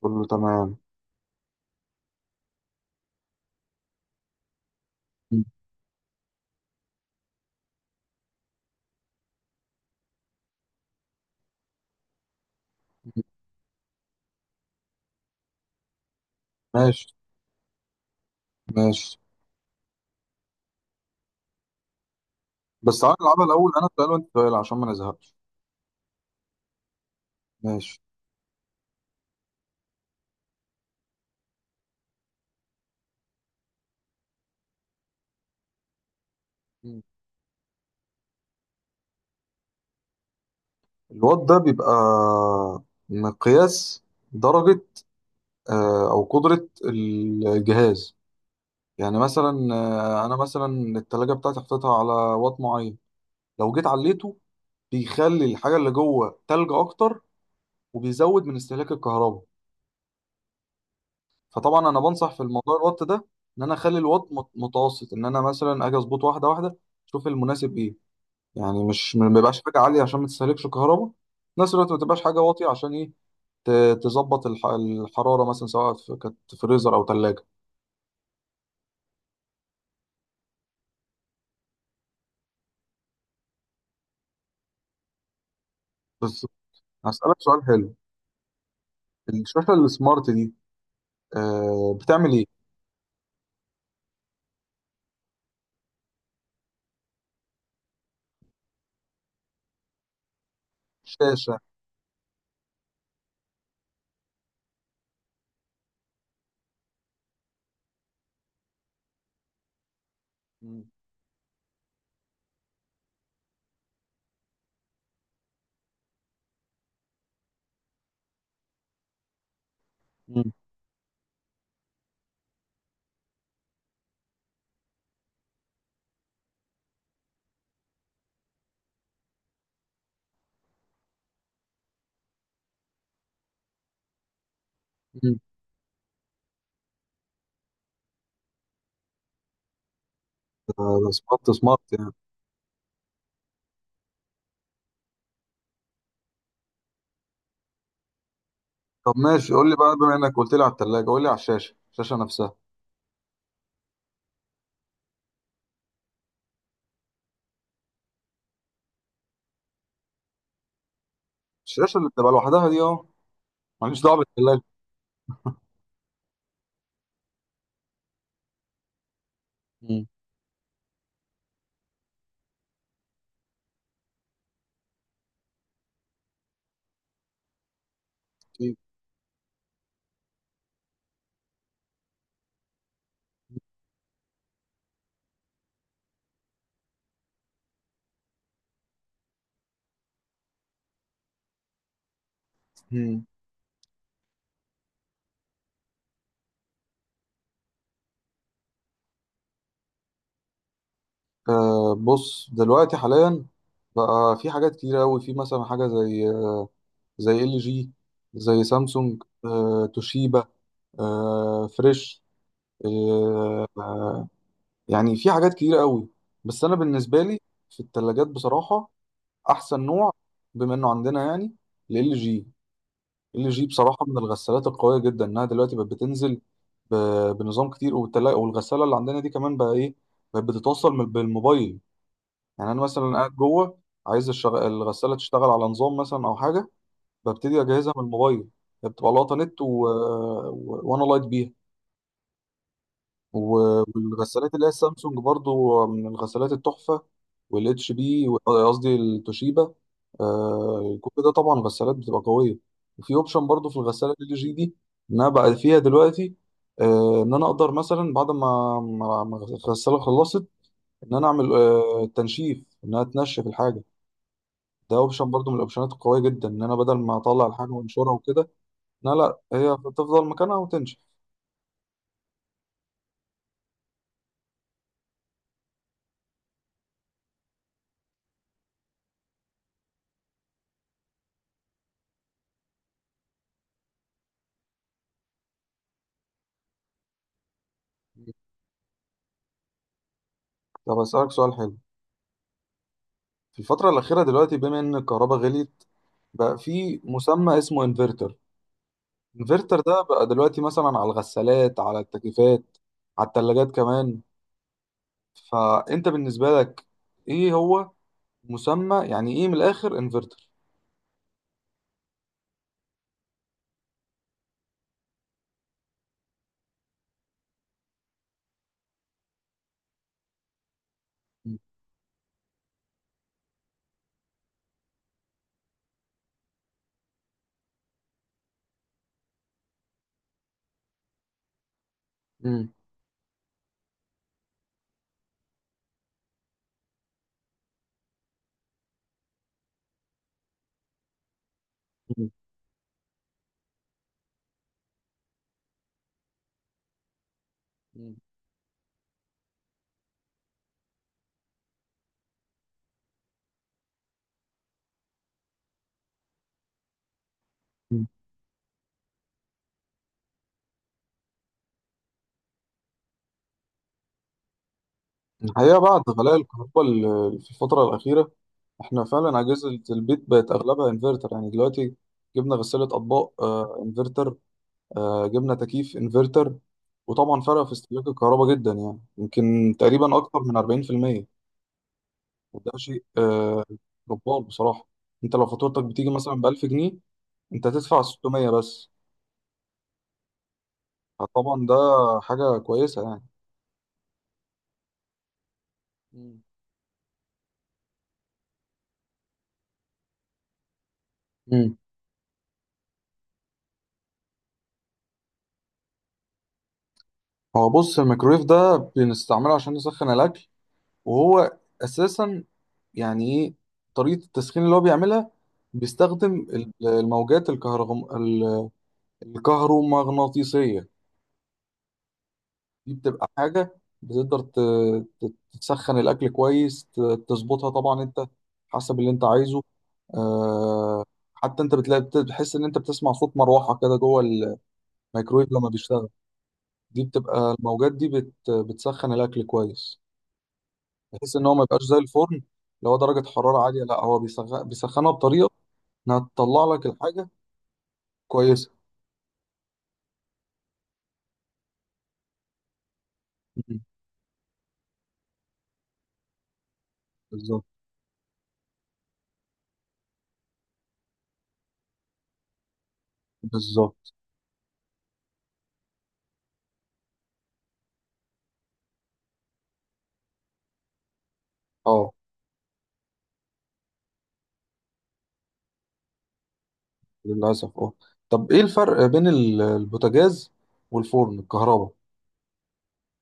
كله تمام. مم. ماشي ماشي. بس تعالى نلعبها الأول، أنا سؤال وأنت سؤال عشان ما نزهقش. ماشي. مم. الوات ده بيبقى مقياس درجة، أو قدرة الجهاز. يعني مثلا، أنا مثلا التلاجة بتاعتي حطيتها على وات معين. لو جيت عليته بيخلي الحاجة اللي جوه تلج أكتر، وبيزود من استهلاك الكهرباء. فطبعا أنا بنصح في الموضوع الوات ده، إن أنا أخلي الوات متوسط، إن أنا مثلا أجي أظبط واحدة واحدة أشوف المناسب إيه. يعني مش ما بيبقاش حاجه عاليه عشان ما تستهلكش كهرباء، في نفس الوقت ما تبقاش حاجه واطيه عشان ايه تظبط الحراره مثلا سواء كانت فريزر او ثلاجه. بس هسألك سؤال حلو. الشاشه السمارت دي بتعمل ايه؟ شاشه. مم. مم. مم. سمارت سمارت يعني. طب ماشي، قول لي بقى، بما انك قلت لي على الثلاجه قول لي على الشاشه نفسها. الشاشه اللي بتبقى لوحدها دي، اه، ماليش دعوه بالثلاجه. مم. أكيد. مم. بص دلوقتي حاليا بقى في حاجات كتير قوي، في مثلا حاجه زي زي ال جي، زي سامسونج، توشيبا، فريش، آه يعني في حاجات كتير قوي. بس انا بالنسبه لي في الثلاجات بصراحه احسن نوع، بما انه عندنا يعني ال جي ال جي بصراحه من الغسالات القويه جدا، انها دلوقتي بقت بتنزل ب- بنظام كتير. والغساله اللي عندنا دي كمان بقى ايه؟ بقت بتتوصل بالموبايل. يعني انا مثلا قاعد جوه، عايز الغساله تشتغل على نظام مثلا او حاجه، ببتدي اجهزها من الموبايل. هي بتبقى لاقطه نت وانا لايت بيها. والغسالات اللي هي السامسونج برضو من الغسالات التحفه، والاتش بي قصدي التوشيبا. كل ده طبعا غسالات بتبقى قويه. وفي اوبشن برضو في الغساله ال جي دي، ان انا بقى فيها دلوقتي، ان انا اقدر مثلا بعد ما الغساله خلصت، ان انا اعمل تنشيف، انها تنشف الحاجه. ده اوبشن برضو من الاوبشنات القويه جدا، ان انا بدل ما اطلع الحاجه وانشرها وكده. لا لا، هي تفضل مكانها وتنشف. طب اسالك سؤال حلو. في الفتره الاخيره دلوقتي بما ان الكهرباء غليت، بقى في مسمى اسمه انفرتر. الانفرتر ده بقى دلوقتي مثلا على الغسالات، على التكييفات، على الثلاجات كمان. فانت بالنسبه لك ايه هو، مسمى يعني ايه من الاخر انفرتر؟ مم. مم. مم. مم. الحقيقه بعد غلاء الكهرباء، في الفتره الاخيره احنا فعلا اجهزه البيت بقت اغلبها انفرتر يعني دلوقتي. جبنا غساله اطباق انفرتر، جبنا تكييف انفرتر. وطبعا فرق في استهلاك الكهرباء جدا، يعني يمكن تقريبا اكتر من 40%. وده شيء جبار بصراحه. انت لو فاتورتك بتيجي مثلا ب 1000 جنيه، انت هتدفع 600 بس. فطبعا ده حاجه كويسه يعني. مم. مم. هو بص، الميكرويف ده بنستعمله عشان نسخن الاكل، وهو اساسا يعني ايه طريقه التسخين اللي هو بيعملها؟ بيستخدم الموجات الكهرومغناطيسيه. دي بتبقى حاجه بتقدر ت- تسخن الاكل كويس، تظبطها طبعا انت حسب اللي انت عايزه. آه... حتى انت بتلاقي بتحس ان انت بتسمع صوت مروحه كده جوه الميكرويف لما بيشتغل. دي بتبقى الموجات دي بتسخن الاكل كويس، بحيث ان هو ما يبقاش زي الفرن اللي هو درجه حراره عاليه، لا هو بيسخنها بطريقه انها تطلع لك الحاجه كويسه. مم. بالظبط بالظبط. اه للاسف اه. طب ايه الفرق بين البوتاجاز والفرن الكهرباء؟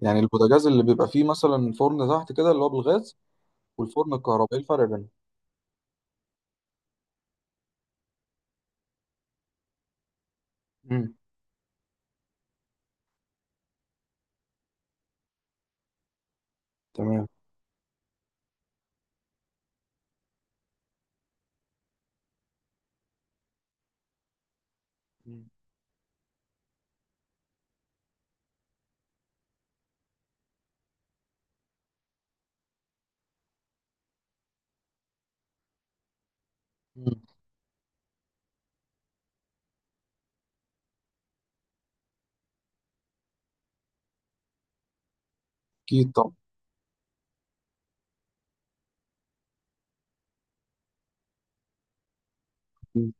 يعني البوتاجاز اللي بيبقى فيه مثلا فرن تحت كده اللي هو بالغاز، والفرن الكهرباء، ايه الفرق بينهم؟ مم. تمام. مم. مم. اكيد طبعا. مم.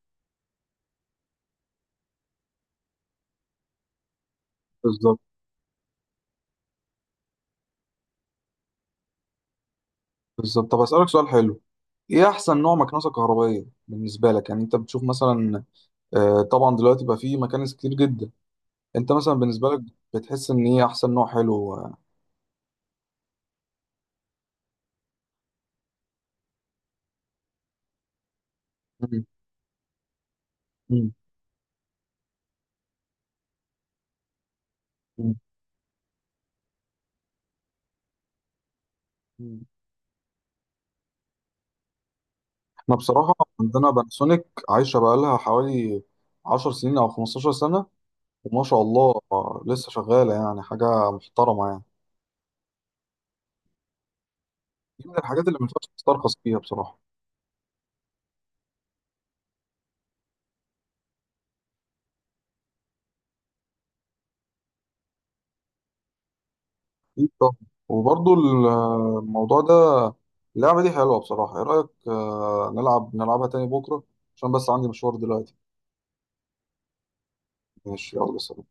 بالظبط بالظبط. طب اسالك سؤال حلو. ايه احسن نوع مكنسه كهربائيه بالنسبه لك؟ يعني انت بتشوف مثلا، طبعا دلوقتي بقى فيه مكانس كتير جدا. انت مثلا بالنسبه لك بتحس ان ايه احسن نوع حلو؟ مم. مم. مم. مم. احنا بصراحه عندنا باناسونيك عايشه بقى لها حوالي 10 سنين او 15 سنه. وما شاء الله، لسه شغاله يعني، حاجه محترمه يعني. دي من الحاجات اللي ما ينفعش تسترخص فيها بصراحه. اكيد طبعا. وبرضو الموضوع ده، اللعبه دي حلوه بصراحه. ايه رايك نلعبها تاني بكره، عشان بس عندي مشوار دلوقتي. ماشي، يلا سلام.